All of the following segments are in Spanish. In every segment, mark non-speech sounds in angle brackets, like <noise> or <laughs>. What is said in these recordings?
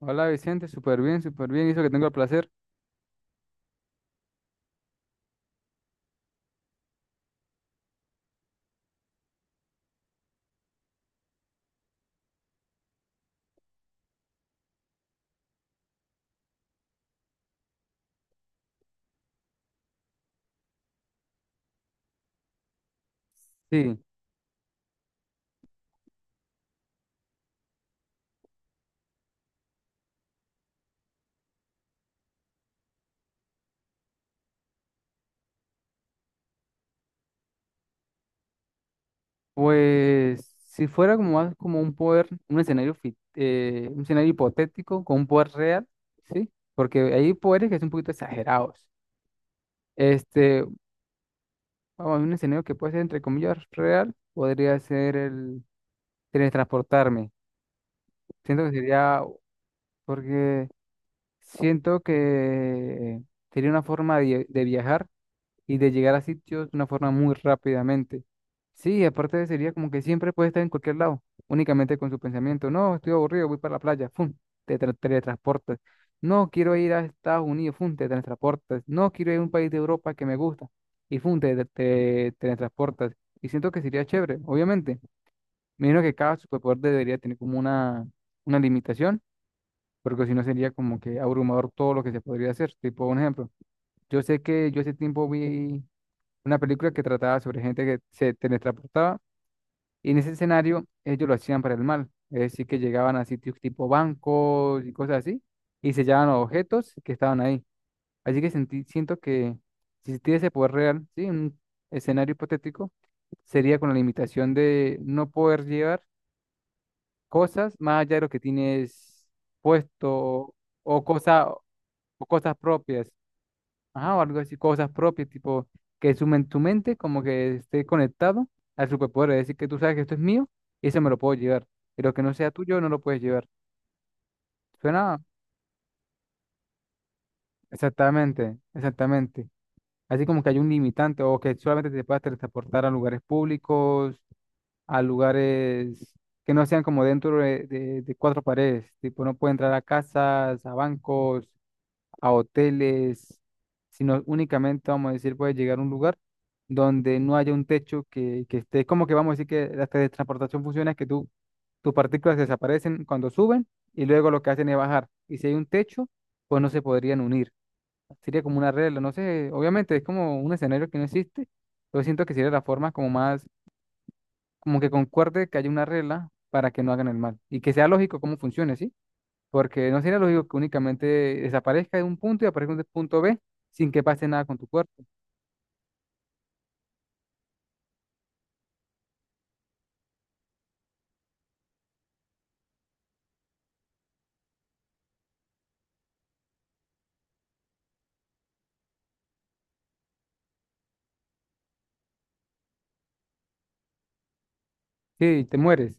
Hola Vicente, súper bien, hizo que tengo el placer. Sí, pues si fuera como más como un poder, un escenario, un escenario hipotético con un poder real, ¿sí? Porque hay poderes que son un poquito exagerados. Este, vamos, un escenario que puede ser entre comillas real, podría ser el teletransportarme. Siento que sería, porque siento que sería una forma de viajar y de llegar a sitios de una forma muy rápidamente. Sí, aparte sería como que siempre puede estar en cualquier lado, únicamente con su pensamiento. No, estoy aburrido, voy para la playa, ¡fum! Teletransportas. No, quiero ir a Estados Unidos, ¡fum! Te teletransportas. No, quiero ir a un país de Europa que me gusta y ¡fum! Te teletransportas. Y siento que sería chévere, obviamente. Me imagino que cada superpoder debería tener como una limitación, porque si no sería como que abrumador todo lo que se podría hacer. Tipo, un ejemplo, yo sé que yo hace tiempo vi una película que trataba sobre gente que se teletransportaba y en ese escenario ellos lo hacían para el mal, es decir, que llegaban a sitios tipo bancos y cosas así y se llevaban los objetos que estaban ahí. Así que sentí, siento que si existiera ese poder real, sí, un escenario hipotético, sería con la limitación de no poder llevar cosas más allá de lo que tienes puesto o, cosa, o cosas propias. Ajá, o algo así, cosas propias, tipo que sumen tu mente, como que esté conectado al superpoder, es decir, que tú sabes que esto es mío y eso me lo puedo llevar, pero que no sea tuyo no lo puedes llevar. Suena exactamente, exactamente. Así como que hay un limitante o que solamente te puedas transportar a lugares públicos, a lugares que no sean como dentro de cuatro paredes, tipo no puede entrar a casas, a bancos, a hoteles, sino únicamente, vamos a decir, puede llegar a un lugar donde no haya un techo que esté, como que vamos a decir que la teletransportación funciona, es que tú, tus partículas desaparecen cuando suben y luego lo que hacen es bajar. Y si hay un techo, pues no se podrían unir. Sería como una regla, no sé, obviamente es como un escenario que no existe, pero siento que sería la forma como más, como que concuerde que haya una regla para que no hagan el mal y que sea lógico cómo funcione, ¿sí? Porque no sería lógico que únicamente desaparezca de un punto y aparezca en un punto B sin que pase nada con tu cuerpo. Sí, te mueres.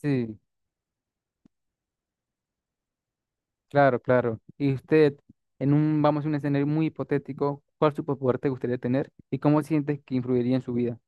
Sí, claro, claro. Y usted, en un, vamos a un escenario muy hipotético, ¿cuál superpoder te gustaría tener y cómo sientes que influiría en su vida?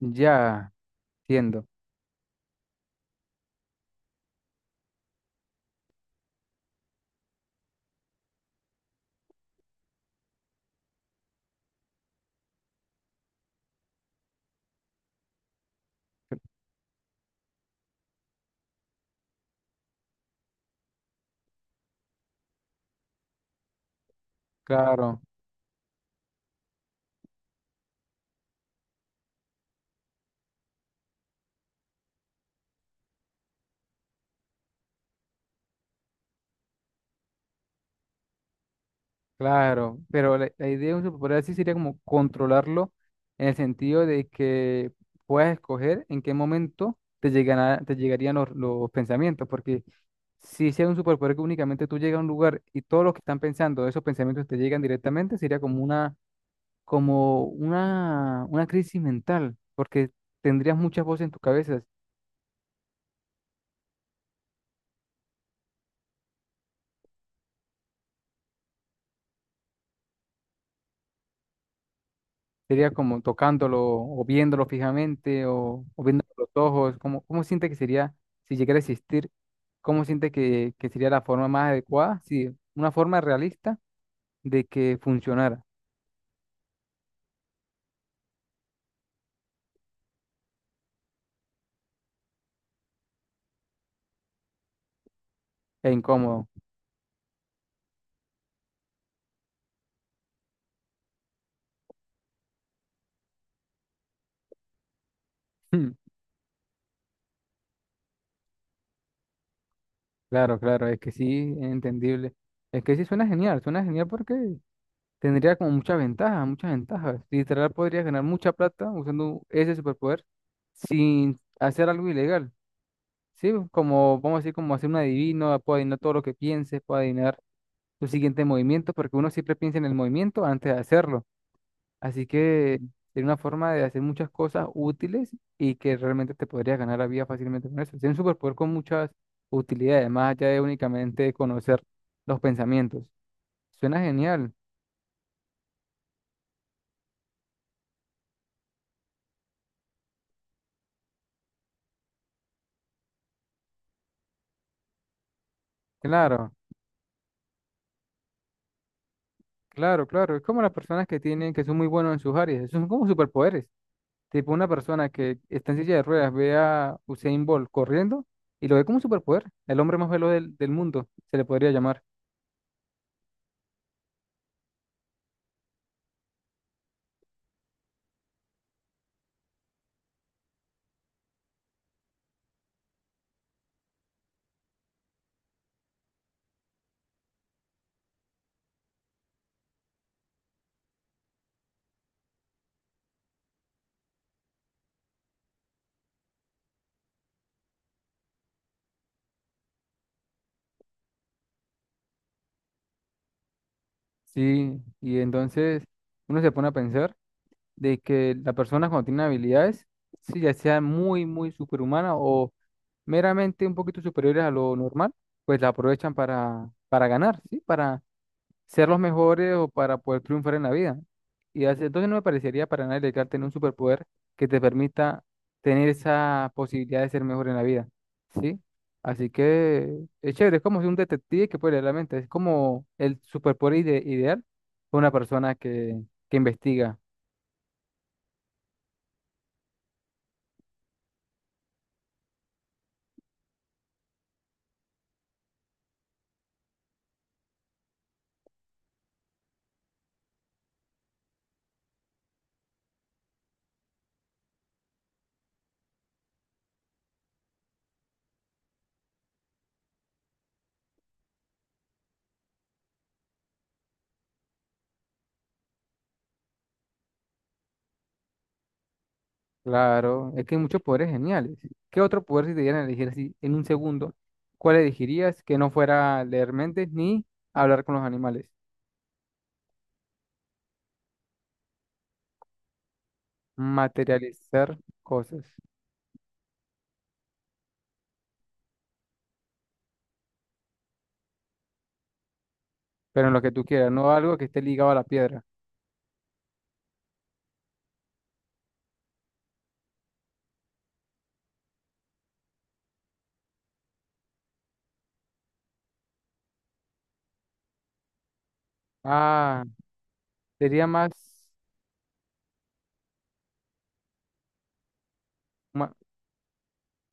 Ya, entiendo. Claro, claro. Pero la idea de un superpoder así sería como controlarlo en el sentido de que puedas escoger en qué momento te llegarían los pensamientos, porque si sea un superpoder que únicamente tú llegas a un lugar y todos los que están pensando, esos pensamientos te llegan directamente, sería como una crisis mental, porque tendrías muchas voces en tu cabeza. Sería como tocándolo o viéndolo fijamente o viendo los ojos. ¿Cómo, cómo siente que sería si llegara a existir? ¿Cómo siente que sería la forma más adecuada? Sí, una forma realista de que funcionara e incómodo. <laughs> Claro, claro, es que sí, es entendible. Es que sí suena genial porque tendría como muchas ventajas, muchas ventajas. Literal podrías ganar mucha plata usando ese superpoder sin hacer algo ilegal. Sí, como vamos a decir, como hacer un adivino, puedo adivinar todo lo que pienses, puedo adivinar tu siguiente movimiento, porque uno siempre piensa en el movimiento antes de hacerlo. Así que sería una forma de hacer muchas cosas útiles y que realmente te podrías ganar la vida fácilmente con eso. Es un superpoder con muchas utilidades, más allá de únicamente conocer los pensamientos. Suena genial, claro. Claro, claro, es como las personas que tienen, que son muy buenos en sus áreas, son como superpoderes. Tipo una persona que está en silla de ruedas ve a Usain Bolt corriendo y lo ve como un superpoder, el hombre más veloz del mundo, se le podría llamar. Sí, y entonces uno se pone a pensar de que la persona cuando tiene habilidades, sí, ya sea muy, muy superhumana o meramente un poquito superiores a lo normal, pues la aprovechan para ganar, ¿sí? Ser los mejores o para poder triunfar en la vida. Entonces no me parecería para nada ilegal tener un superpoder que te permita tener esa posibilidad de ser mejor en la vida, ¿sí? Así que es chévere, es como si un detective que puede leer la mente, es como el superpoder ideal para una persona que investiga. Claro, es que hay muchos poderes geniales. ¿Qué otro poder si te dieran a elegir así en un segundo? ¿Cuál elegirías que no fuera leer mentes ni hablar con los animales? Materializar cosas. Pero en lo que tú quieras, no algo que esté ligado a la piedra. Ah, sería más ma-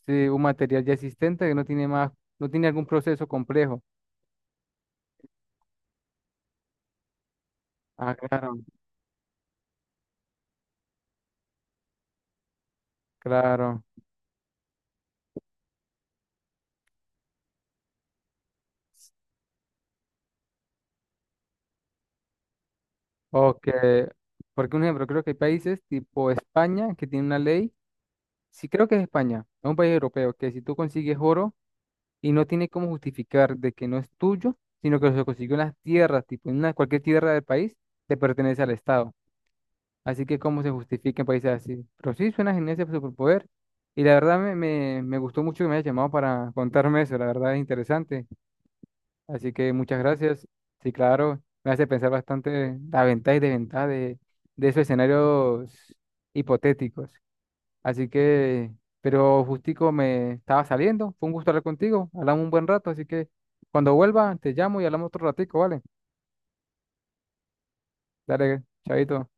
sí, un material ya existente que no tiene más, no tiene algún proceso complejo. Ah, claro, claro. O que, porque un ejemplo, creo que hay países tipo España que tiene una ley, sí creo que es España, es un país europeo, que si tú consigues oro y no tiene cómo justificar de que no es tuyo, sino que se consiguió en las tierras, tipo en una, cualquier tierra del país, te pertenece al Estado. Así que cómo se justifica en países así. Pero sí, suena genial ese superpoder. Y la verdad me gustó mucho que me hayas llamado para contarme eso. La verdad es interesante. Así que muchas gracias. Sí, claro, me hace pensar bastante las ventajas y desventajas de esos escenarios hipotéticos. Así que, pero justico me estaba saliendo. Fue un gusto hablar contigo. Hablamos un buen rato. Así que cuando vuelva, te llamo y hablamos otro ratico, ¿vale? Dale, chavito.